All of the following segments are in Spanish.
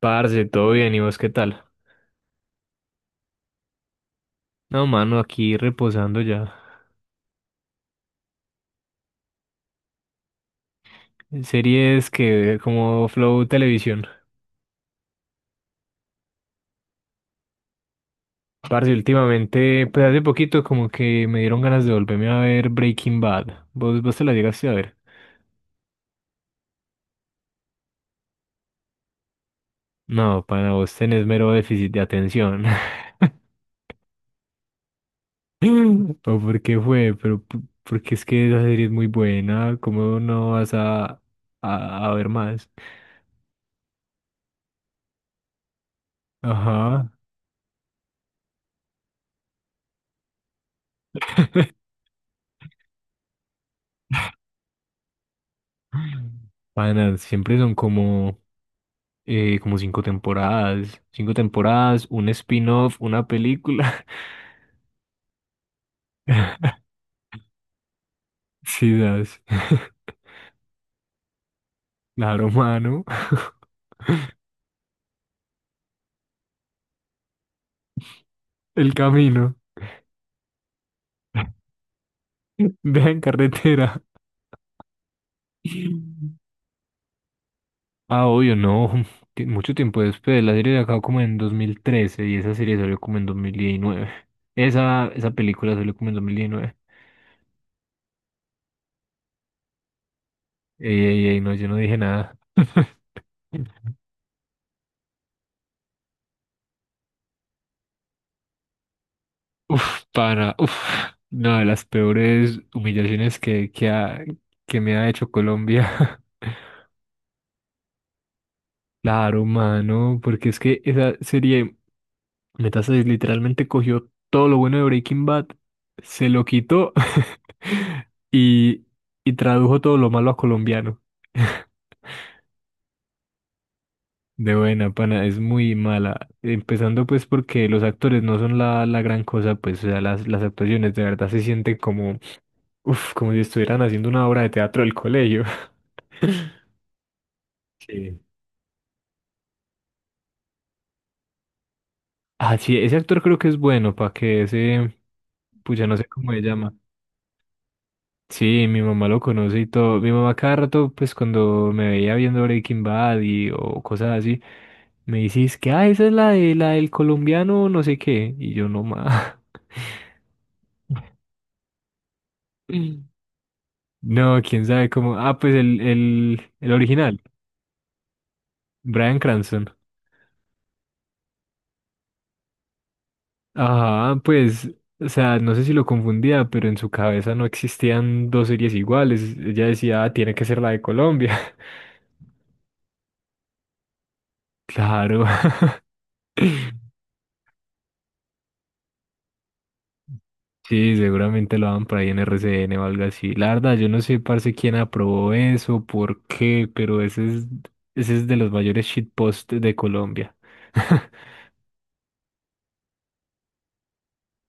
Parce, todo bien, ¿y vos qué tal? No, mano, aquí reposando ya. Series que como Flow Televisión. Parce, últimamente, pues hace poquito como que me dieron ganas de volverme a ver Breaking Bad. ¿Vos te la llegaste a ver? No, para vos tenés mero déficit de atención. ¿O por qué fue? Pero porque es que esa serie es muy buena, ¿cómo no vas a ver más? Ajá. Panas, siempre son como, como cinco temporadas, un spin-off, una película. Sí, das. Claro, mano. El camino. deja en carretera. Ah, obvio, no. Mucho tiempo después. La serie de acá como en 2013 y esa serie salió como en 2019. Esa película salió como en 2019. Ey, ey, ey, no, yo no dije nada. Uf, pana, uf, una de las peores humillaciones que me ha hecho Colombia. Claro, mano, porque es que esa serie Metástasis literalmente cogió todo lo bueno de Breaking Bad, se lo quitó y, y tradujo todo lo malo a colombiano. De buena, pana, es muy mala. Empezando pues porque los actores no son la gran cosa, pues o sea, las actuaciones de verdad se sienten como uf, como si estuvieran haciendo una obra de teatro del colegio. Sí. Ah, sí, ese actor creo que es bueno, para que ese, pucha, no sé cómo se llama. Sí, mi mamá lo conoce y todo. Mi mamá cada rato, pues cuando me veía viendo Breaking Bad y o cosas así, me decís que, ah, esa es la de la del colombiano, no sé qué. Y yo no más. No, quién sabe cómo. Ah, pues el original, Bryan Cranston. Ajá, pues, o sea, no sé si lo confundía, pero en su cabeza no existían dos series iguales. Ella decía, "Ah, tiene que ser la de Colombia". Claro. Sí, seguramente lo daban por ahí en RCN o algo así. La verdad, yo no sé, parce, quién aprobó eso, por qué, pero ese es de los mayores shitposts de Colombia.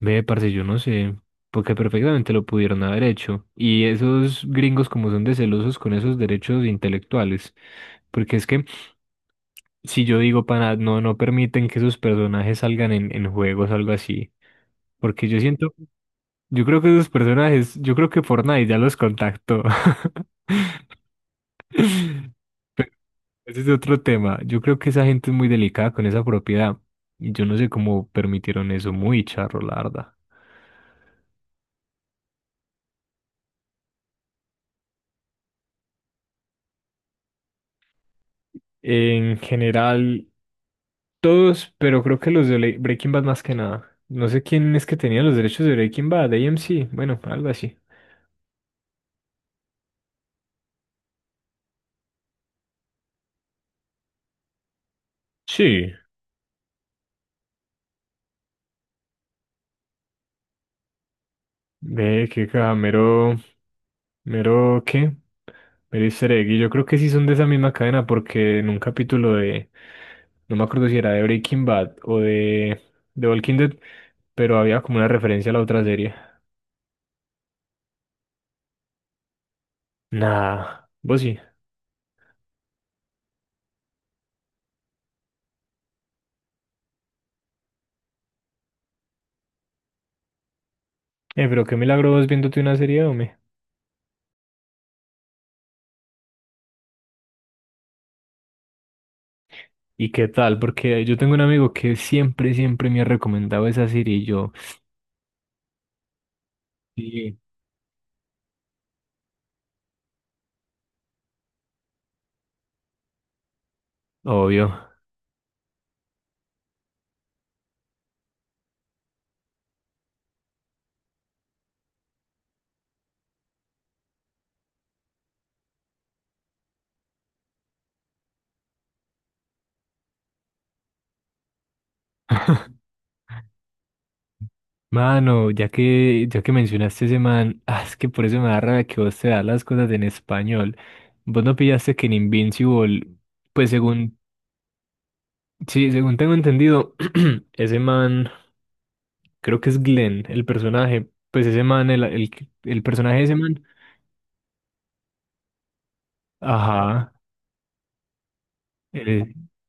Ve, parce, yo no sé, porque perfectamente lo pudieron haber hecho. Y esos gringos como son de celosos con esos derechos intelectuales, porque es que si yo digo, pana, no, no permiten que sus personajes salgan en juegos o algo así. Porque yo siento, yo creo que esos personajes, yo creo que Fortnite ya los contactó. Ese es otro tema. Yo creo que esa gente es muy delicada con esa propiedad. Y yo no sé cómo permitieron eso, muy charro, la verdad. En general, todos, pero creo que los de Breaking Bad más que nada. No sé quién es que tenía los derechos de Breaking Bad, AMC, bueno, algo así. Sí. Ve, qué camero. Mero qué, mero easter egg, y yo creo que sí son de esa misma cadena porque en un capítulo de, no me acuerdo si era de Breaking Bad o de Walking Dead, pero había como una referencia a la otra serie. Nah, vos sí. Pero qué milagro vos viéndote una serie, hombre. ¿Y qué tal? Porque yo tengo un amigo que siempre, siempre me ha recomendado esa serie y yo, sí, obvio. Mano, ya que mencionaste ese man, ah, es que por eso me da rabia que vos te das las cosas en español. Vos no pillaste que en Invincible, pues según, sí, según tengo entendido, ese man, creo que es Glenn, el personaje, pues ese man, el personaje de ese man, ajá, eh,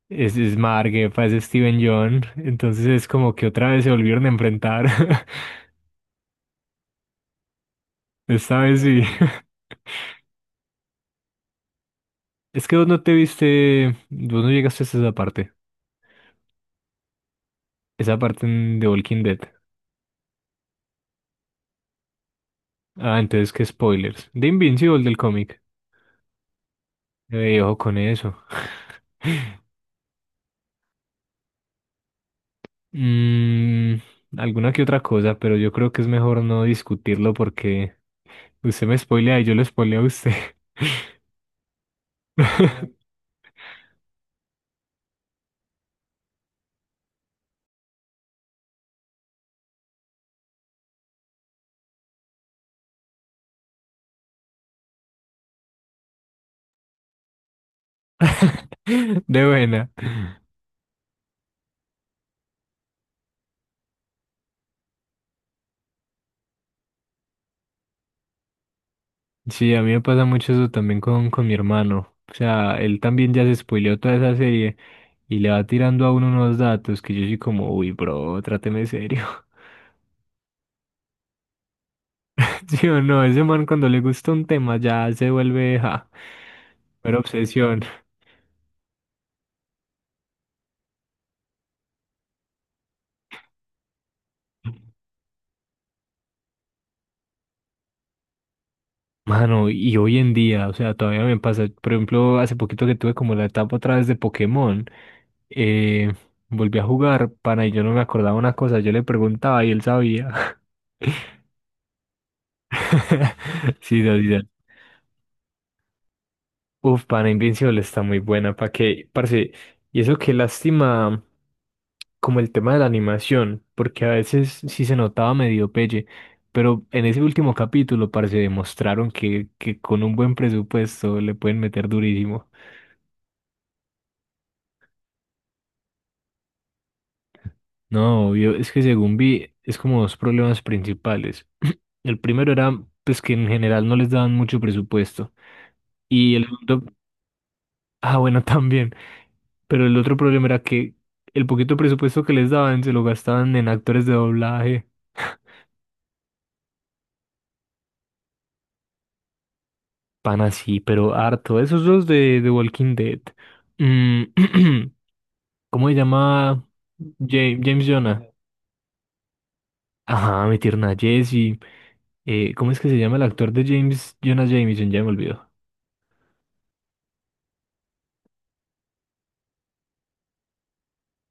es Marguefa, es Steven John, entonces es como que otra vez se volvieron a enfrentar, esta vez sí. Es que vos no te viste, vos no llegaste hasta esa parte. Esa parte en The Walking Dead. Ah, entonces, ¿qué spoilers? De Invincible del cómic. Ojo con eso. Mm, alguna que otra cosa, pero yo creo que es mejor no discutirlo porque usted me spoilea y yo lo spoileo a usted. De buena. Sí, a mí me pasa mucho eso también con, mi hermano. O sea, él también ya se spoileó toda esa serie y le va tirando a uno unos datos que yo soy como, uy, bro, tráteme serio. Sí o no, ese man cuando le gusta un tema ya se vuelve, ja, pero obsesión. Mano, y hoy en día, o sea, todavía me pasa, por ejemplo, hace poquito que tuve como la etapa otra vez de Pokémon, eh, volví a jugar, pana, y yo no me acordaba una cosa, yo le preguntaba y él sabía. Sí, no, sí, no. Uf, pana, Invincible está muy buena, ¿para qué? Parce, y eso qué lástima. Como el tema de la animación, porque a veces sí se notaba medio pelle, pero en ese último capítulo parece demostraron que con un buen presupuesto le pueden meter durísimo. No, obvio, es que según vi, es como dos problemas principales. El primero era, pues, que en general no les daban mucho presupuesto. Y el segundo, ah, bueno, también. Pero el otro problema era que el poquito presupuesto que les daban se lo gastaban en actores de doblaje. Pan así, pero harto. Esos dos de The Walking Dead. Mm, ¿cómo se llama? James Jonah. Ajá, mi tierna Jessie. ¿Cómo es que se llama el actor de James Jonah Jameson? Ya me olvidó.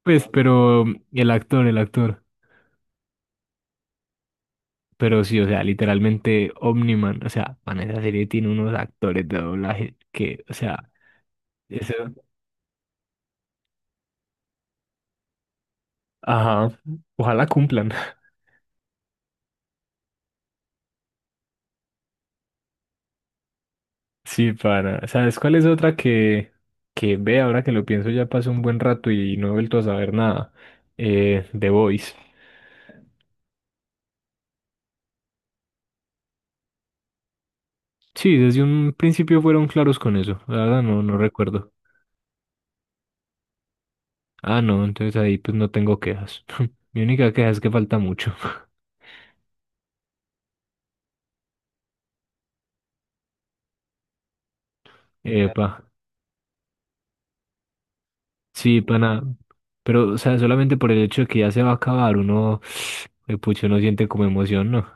Pues, pero el actor. Pero sí, o sea, literalmente Omniman. O sea, man, esa serie tiene unos actores de doblaje que, o sea, eso. Ajá. Ojalá cumplan. Sí, para. ¿Sabes cuál es otra que ve ahora que lo pienso ya pasó un buen rato y no he vuelto a saber nada? The Voice. Sí, desde un principio fueron claros con eso. La verdad no, no recuerdo. Ah, no, entonces ahí pues no tengo quejas. Mi única queja es que falta mucho. Epa. Sí, pana. Pero, o sea, solamente por el hecho de que ya se va a acabar, uno, pucho, no siente como emoción, ¿no?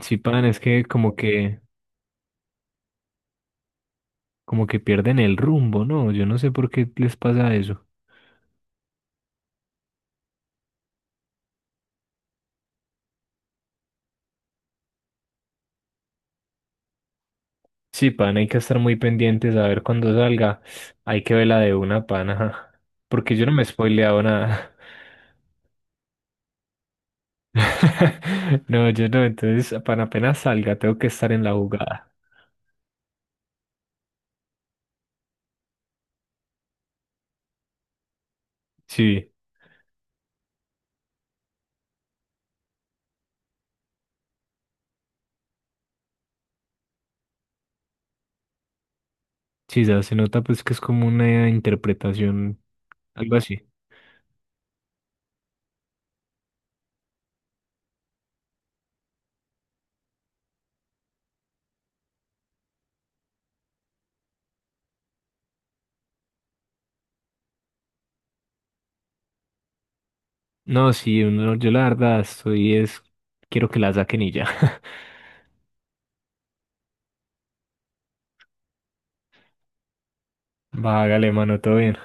Sí, pana, es que como que, pierden el rumbo, ¿no? Yo no sé por qué les pasa eso. Sí, pan, hay que estar muy pendientes a ver cuándo salga. Hay que verla de una, pan, ajá. Porque yo no me he spoileado nada. No, yo no, entonces, pan, apenas salga, tengo que estar en la jugada. Sí, sí, ya se nota pues que es como una interpretación, algo así. No, sí, yo la verdad estoy es, quiero que la saquen y ya. Vágale, mano, todo bien.